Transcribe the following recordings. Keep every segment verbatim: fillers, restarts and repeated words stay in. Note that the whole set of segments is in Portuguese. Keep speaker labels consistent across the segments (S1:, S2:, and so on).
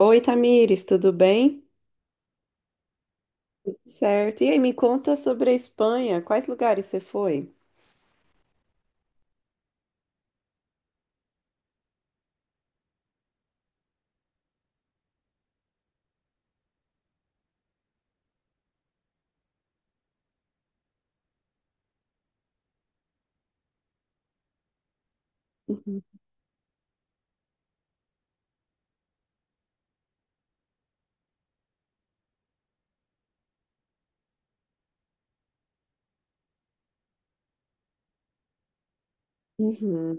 S1: Oi, Tamires, tudo bem? Certo. E aí, me conta sobre a Espanha. Quais lugares você foi? Uhum. Uhum.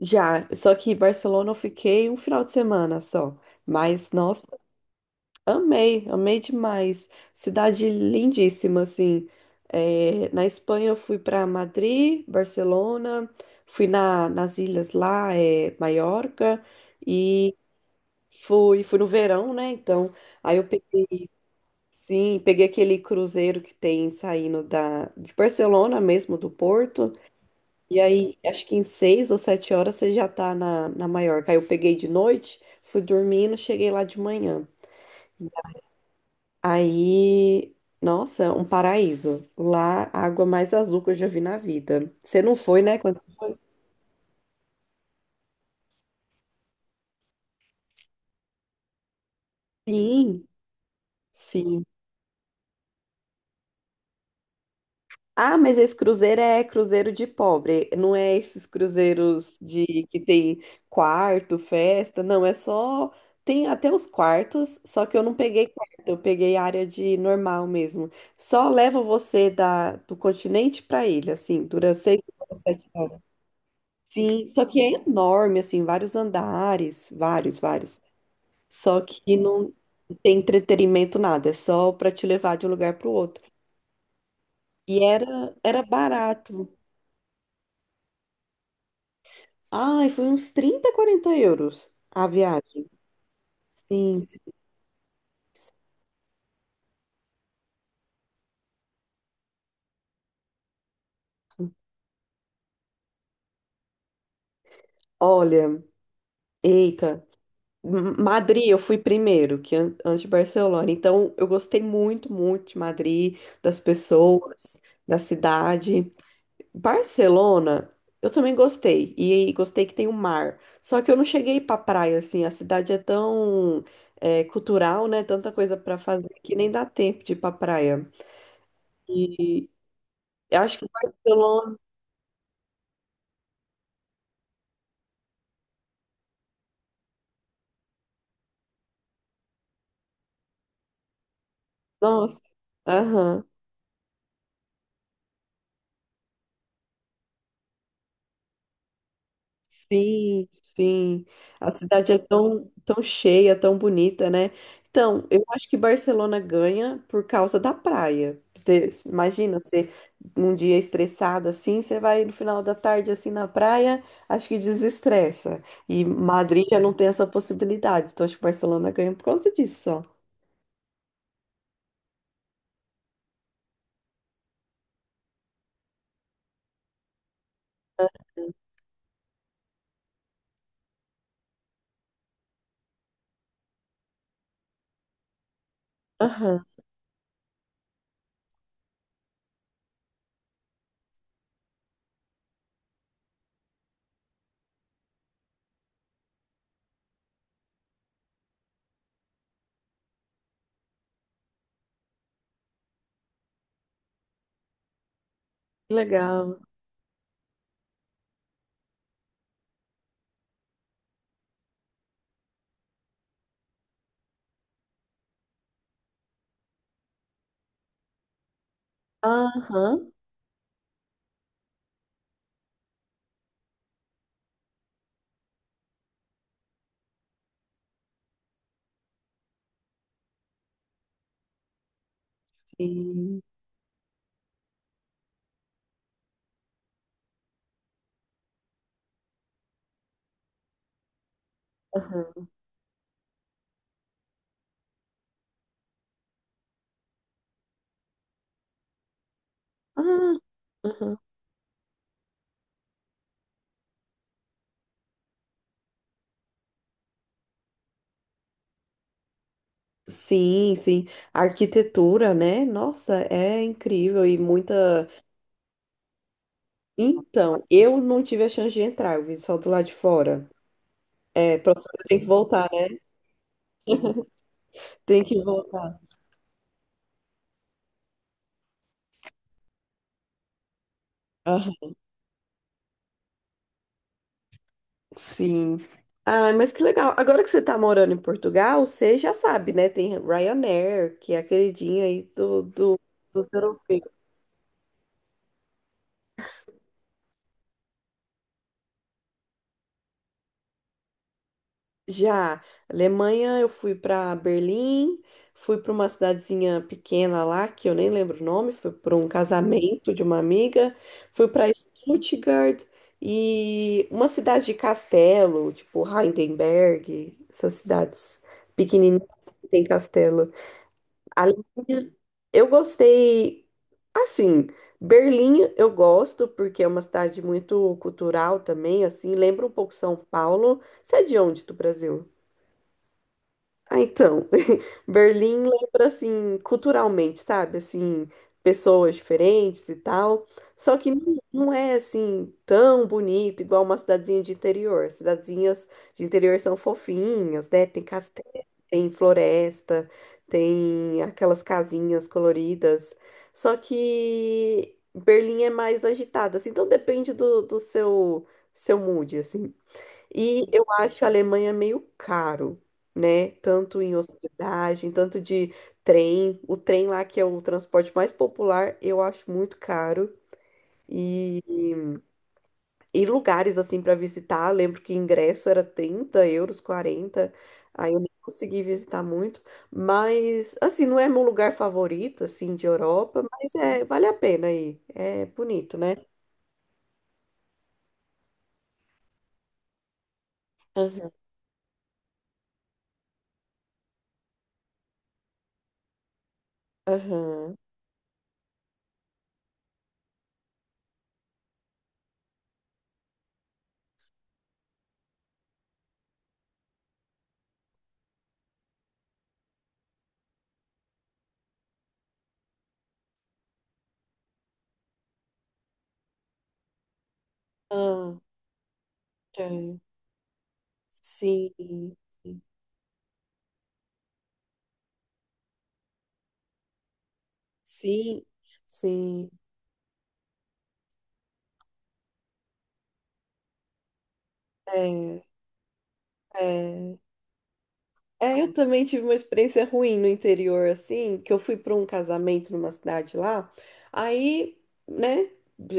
S1: Já, só que em Barcelona eu fiquei um final de semana só. Mas, nossa, amei, amei demais. Cidade lindíssima, assim. É, na Espanha eu fui para Madrid, Barcelona, fui na, nas ilhas lá, é, Maiorca, e fui, fui no verão, né? Então, aí eu sim, peguei aquele cruzeiro que tem saindo da, de Barcelona mesmo, do Porto. E aí, acho que em seis ou sete horas você já tá na, na Maiorca. Aí eu peguei de noite, fui dormindo, cheguei lá de manhã. Aí, nossa, um paraíso. Lá, a água mais azul que eu já vi na vida. Você não foi, né? Quando... Sim, sim. Ah, mas esse cruzeiro é cruzeiro de pobre, não é esses cruzeiros de que tem quarto, festa, não, é só tem até os quartos, só que eu não peguei quarto, eu peguei área de normal mesmo. Só leva você da do continente para ilha, assim, dura seis horas, sete horas. Sim, só que é enorme, assim, vários andares, vários, vários. Só que não tem entretenimento nada, é só para te levar de um lugar para o outro. E era era barato. Ai, foi uns trinta, quarenta euros a viagem. Sim, sim. Olha, eita. M- Madrid, eu fui primeiro, que an- antes de Barcelona. Então, eu gostei muito, muito de Madrid, das pessoas, da cidade. Barcelona, eu também gostei. E gostei que tem o mar. Só que eu não cheguei pra praia, assim. A cidade é tão é, cultural, né? Tanta coisa pra fazer que nem dá tempo de ir pra praia. E eu acho que Barcelona, nossa. Aham. Sim, sim. A cidade é tão, tão cheia, tão bonita, né? Então, eu acho que Barcelona ganha por causa da praia. Você- imagina você um dia estressado assim, você vai no final da tarde assim na praia, acho que desestressa. E Madrid já não tem essa possibilidade. Então, acho que Barcelona ganha por causa disso, só. Aham, que legal. Aham, sim. Aham. Ah, aham. Sim, sim. A arquitetura, né? Nossa, é incrível e muita. Então, eu não tive a chance de entrar, eu vi só do lado de fora. É, próximo eu tenho que voltar, né? Tem que voltar. Aham. Sim. Ah, mas que legal. Agora que você tá morando em Portugal, você já sabe, né? Tem Ryanair, que é a queridinha aí do, do, dos europeus. Já, Alemanha, eu fui para Berlim, fui para uma cidadezinha pequena lá, que eu nem lembro o nome, foi para um casamento de uma amiga, fui para Stuttgart e uma cidade de castelo, tipo Heidelberg, essas cidades pequenininhas que tem castelo. Alemanha, eu gostei, assim, Berlim eu gosto porque é uma cidade muito cultural também, assim, lembra um pouco São Paulo. Você é de onde, do Brasil? Ah, então, Berlim lembra assim, culturalmente, sabe? Assim, pessoas diferentes e tal. Só que não não é assim tão bonito igual uma cidadezinha de interior. Cidadezinhas de interior são fofinhas, né? Tem castelo, tem floresta, tem aquelas casinhas coloridas. Só que Berlim é mais agitada, assim, então depende do, do seu seu mood, assim. E eu acho a Alemanha meio caro, né? Tanto em hospedagem, tanto de trem. O trem lá, que é o transporte mais popular, eu acho muito caro. E, e lugares assim para visitar, lembro que ingresso era trinta euros, quarenta. Aí eu nem consegui visitar muito. Mas, assim, não é meu lugar favorito, assim, de Europa, mas é, vale a pena aí. É bonito, né? Aham, aham. Ah, tá. Sim. Sim, sim. É, é. É, eu também tive uma experiência ruim no interior, assim, que eu fui para um casamento numa cidade lá. Aí, né,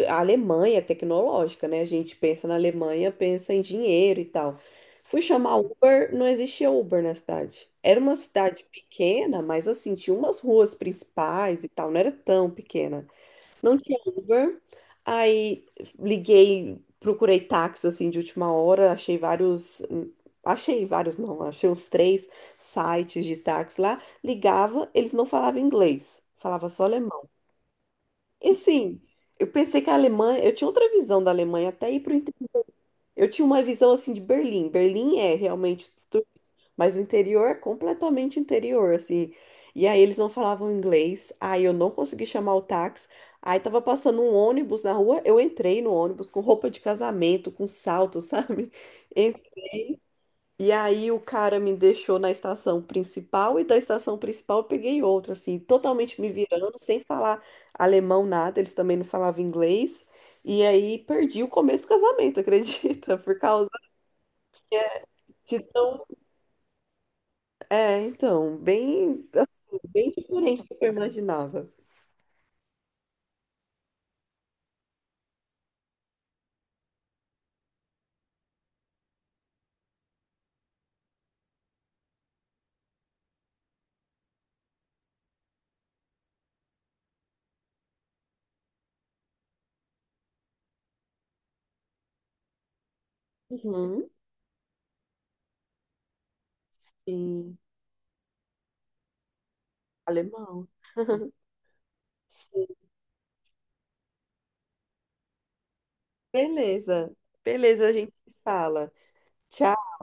S1: a Alemanha é tecnológica, né? A gente pensa na Alemanha, pensa em dinheiro e tal. Fui chamar Uber, não existia Uber na cidade. Era uma cidade pequena, mas assim, tinha umas ruas principais e tal, não era tão pequena. Não tinha Uber. Aí liguei, procurei táxi assim de última hora, achei vários, hum, achei vários não, achei uns três sites de táxi lá, ligava, eles não falavam inglês, falava só alemão. E assim, eu pensei que a Alemanha, eu tinha outra visão da Alemanha até ir pro interior. Eu tinha uma visão assim de Berlim. Berlim é realmente, mas o interior é completamente interior, assim. E aí eles não falavam inglês, aí eu não consegui chamar o táxi. Aí tava passando um ônibus na rua, eu entrei no ônibus com roupa de casamento, com salto, sabe? E, e aí o cara me deixou na estação principal e da estação principal eu peguei outra, assim, totalmente me virando, sem falar alemão nada, eles também não falavam inglês. E aí perdi o começo do casamento, acredita? Por causa de tão. É, então, bem, assim, bem diferente do que eu imaginava. Uhum, sim, alemão. Beleza, beleza, a gente se fala. Tchau.